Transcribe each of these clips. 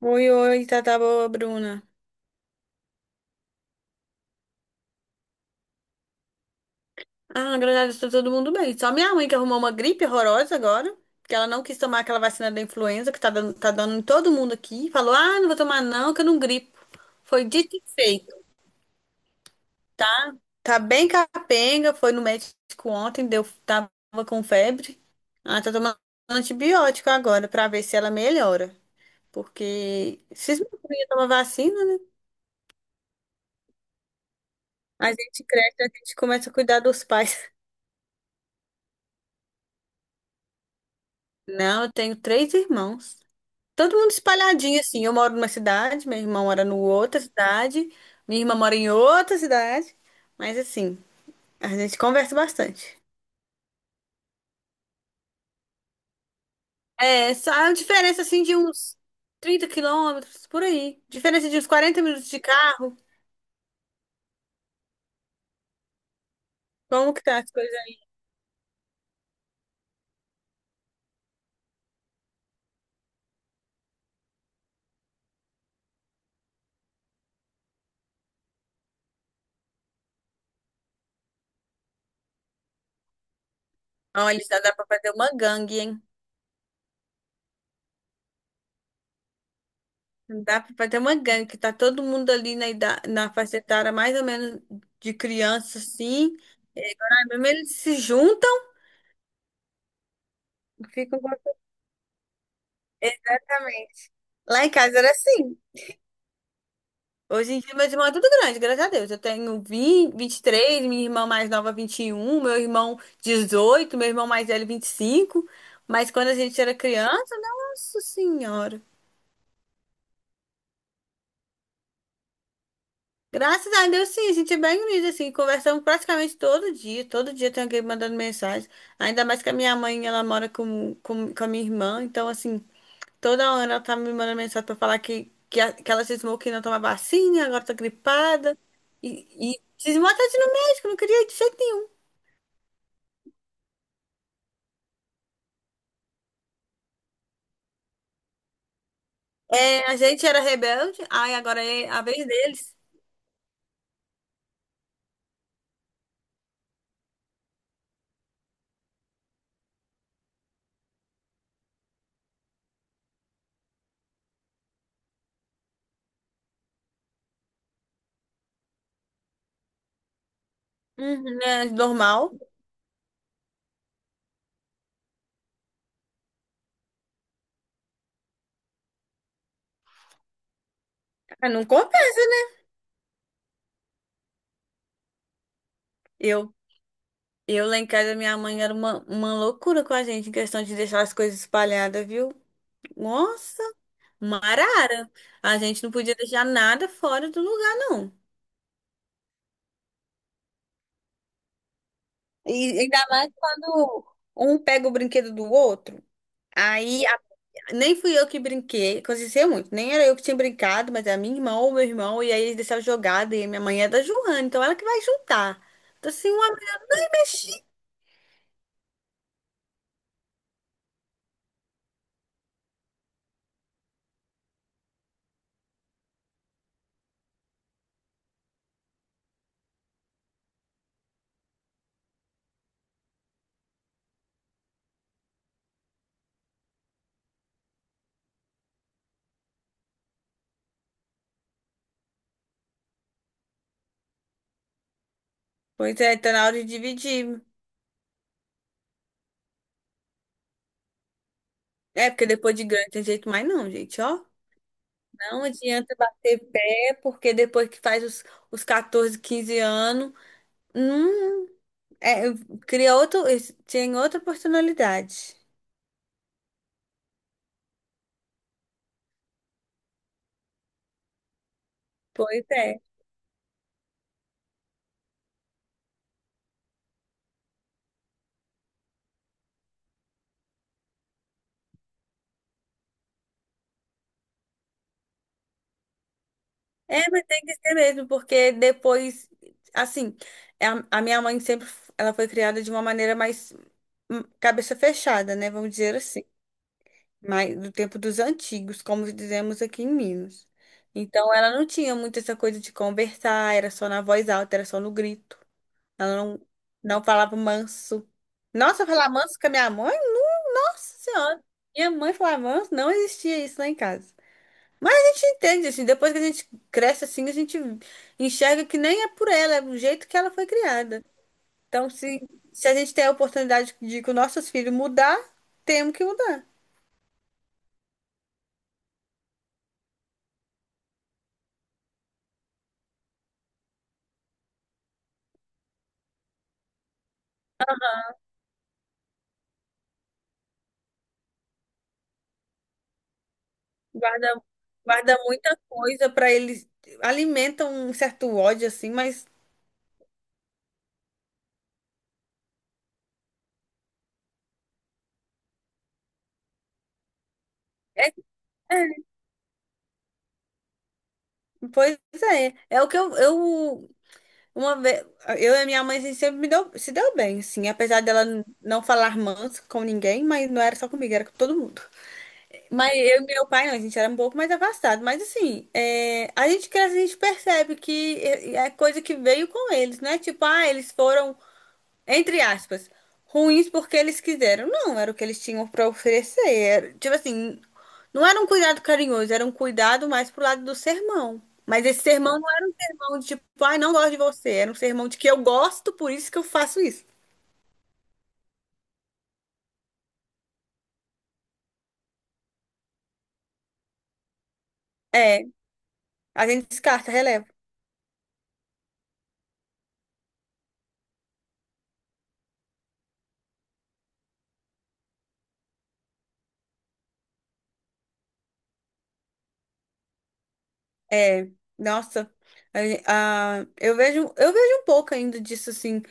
Oi, oi, tá, tá boa, Bruna. Ah, na verdade, tá todo mundo bem. Só minha mãe que arrumou uma gripe horrorosa agora, que ela não quis tomar aquela vacina da influenza que tá dando em todo mundo aqui. Falou, ah, não vou tomar não, que eu não gripo. Foi dito e feito, tá? Tá bem capenga, foi no médico ontem, deu, tava com febre. Ela tá tomando antibiótico agora pra ver se ela melhora. Porque se não ia tomar vacina, né? A gente cresce, a gente começa a cuidar dos pais. Não, eu tenho três irmãos. Todo mundo espalhadinho, assim. Eu moro numa cidade, meu irmão mora no outra cidade, minha irmã mora em outra cidade. Mas, assim, a gente conversa bastante. É, só a diferença, assim, de uns 30 quilômetros, por aí. Diferença de uns 40 minutos de carro. Como que tá as coisas aí? Olha, já dá pra fazer uma gangue, hein? Dá pra fazer uma gangue, que tá todo mundo ali na, idade, na faixa etária mais ou menos de criança, assim. É, agora mesmo eles se juntam, ficam. Exatamente. Lá em casa era assim. Hoje em dia, meu irmão é tudo grande, graças a Deus. Eu tenho vinte, 23. Minha irmã mais nova, 21. Meu irmão, 18. Meu irmão mais velho, 25. Mas quando a gente era criança, nossa senhora. Graças a Deus, sim, a gente é bem unido, assim. Conversamos praticamente todo dia. Todo dia tem alguém mandando mensagem. Ainda mais que a minha mãe, ela mora com a minha irmã. Então, assim, toda hora ela tá me mandando mensagem pra falar que ela cismou que não toma vacina, agora tá gripada. E cismou até de ir no médico, não queria ir de jeito nenhum. É, a gente era rebelde, aí agora é a vez deles. Uhum, é normal. Ah, não compensa, né? Eu, eu lá em casa, minha mãe era uma loucura com a gente em questão de deixar as coisas espalhadas, viu? Nossa, uma arara. A gente não podia deixar nada fora do lugar, não. E ainda mais quando um pega o brinquedo do outro. Aí, nem fui eu que brinquei, aconteceu muito, nem era eu que tinha brincado, mas era minha irmã ou meu irmão, e aí eles deixaram jogada, e a minha mãe é da Joana, então ela que vai juntar. Então, assim, uma mexida. Pois é, tá na hora de dividir. É, porque depois de grande não tem jeito mais não, gente, ó. Não adianta bater pé, porque depois que faz os 14, 15 anos, não, é, cria outro, tem outra personalidade. Pois é. É, mas tem que ser mesmo, porque depois, assim, é a minha mãe sempre, ela foi criada de uma maneira mais cabeça fechada, né? Vamos dizer assim, mais do tempo dos antigos, como dizemos aqui em Minas. Então, ela não tinha muito essa coisa de conversar, era só na voz alta, era só no grito. Ela não falava manso. Nossa, falar manso com a minha mãe? Nossa Senhora! Minha mãe falar manso, não existia isso lá em casa. A gente entende, assim, depois que a gente cresce assim, a gente enxerga que nem é por ela, é do jeito que ela foi criada. Então, se a gente tem a oportunidade de que os nossos filhos mudar, temos que mudar. Guarda, guarda muita coisa para eles, alimenta um certo ódio, assim, mas. é- é, pois é. É o que eu uma vez, eu e a minha mãe, a gente sempre me deu, se deu bem, assim, apesar dela não falar manso com ninguém, mas não era só comigo, era com todo mundo. Mas eu e meu pai, não, a gente era um pouco mais afastado. Mas assim, é, a gente cresce, a gente percebe que é coisa que veio com eles, né? Tipo, ah, eles foram, entre aspas, ruins porque eles quiseram. Não, era o que eles tinham para oferecer. Tipo assim, não era um cuidado carinhoso, era um cuidado mais pro lado do sermão. Mas esse sermão não era um sermão de tipo, ai, não gosto de você. Era um sermão de que eu gosto, por isso que eu faço isso. É, a gente descarta, releva. É, nossa, eu vejo um pouco ainda disso, assim,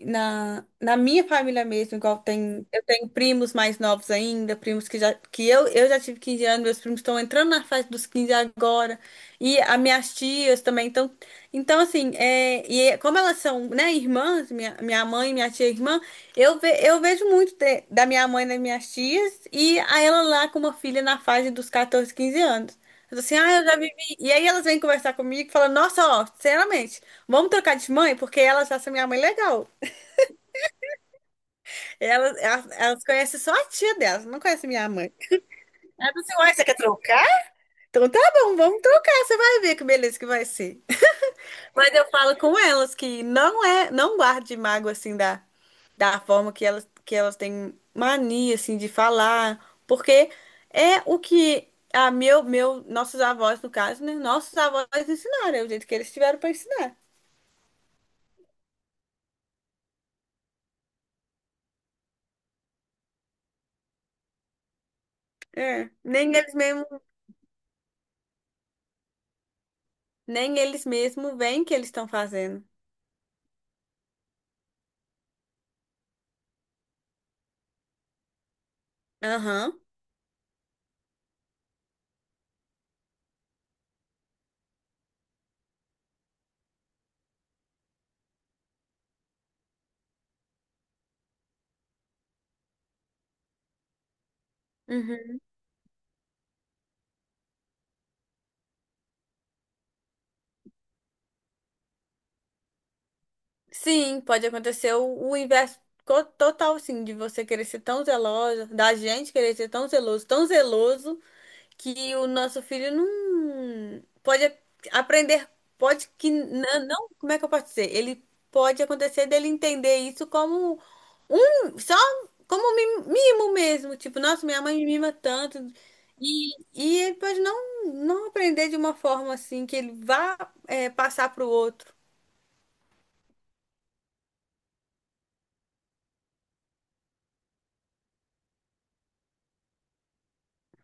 na minha família mesmo, igual tem, eu tenho primos mais novos ainda, primos que já, que eu já tive 15 anos, meus primos estão entrando na fase dos 15 agora, e as minhas tias também, então assim, é, como elas são, né, irmãs, minha mãe, minha tia irmã, eu vejo muito da minha mãe nas minhas tias, e a ela lá com uma filha na fase dos 14, 15 anos. Eu tô assim, ah, eu já vivi. E aí elas vêm conversar comigo e falam, nossa, ó, sinceramente, vamos trocar de mãe, porque elas acham minha mãe legal. Elas conhecem só a tia delas, não conhecem minha mãe. Ela falou assim, uai, você quer trocar? Então tá bom, vamos trocar, você vai ver que beleza que vai ser. Mas eu falo com elas que não é, não guarde mágoa assim da forma que elas têm mania assim de falar, porque é o que nossos avós, no caso, né? Nossos avós ensinaram, é o jeito que eles tiveram para ensinar. É, nem eles mesmo veem o que eles estão fazendo. Aham. Uhum. Sim, pode acontecer o inverso total, sim, de você querer ser tão zelosa, da gente querer ser tão zeloso, que o nosso filho não pode aprender, pode que não, como é que eu posso dizer? Ele pode acontecer dele entender isso como só como um mimo mesmo, tipo, nossa, minha mãe me mima tanto, e ele pode não aprender de uma forma assim, que ele vá, passar para o outro.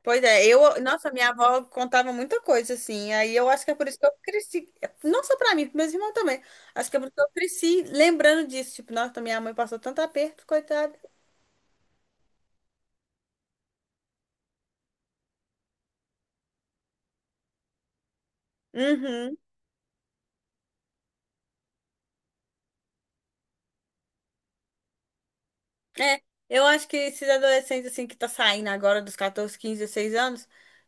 Pois é, nossa, minha avó contava muita coisa assim. Aí eu acho que é por isso que eu cresci, não só pra mim, pros meus irmãos também. Acho que é por isso que eu cresci lembrando disso, tipo, nossa, minha mãe passou tanto aperto, coitada. Uhum. É, eu acho que esses adolescentes assim que tá saindo agora dos 14, 15, 16 anos,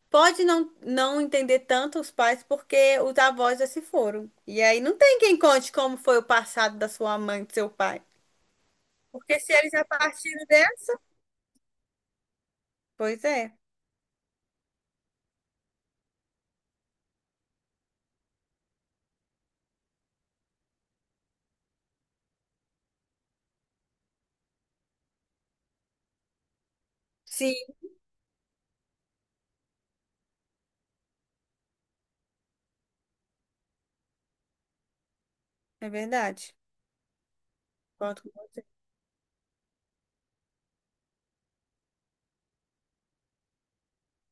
pode não entender tanto os pais porque os avós já se foram. E aí não tem quem conte como foi o passado da sua mãe, do seu pai. Porque se eles já partiram dessa, pois é. Sim, é verdade. Conto com você.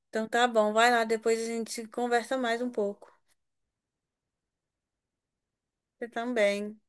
Então tá bom, vai lá, depois a gente conversa mais um pouco. Você também.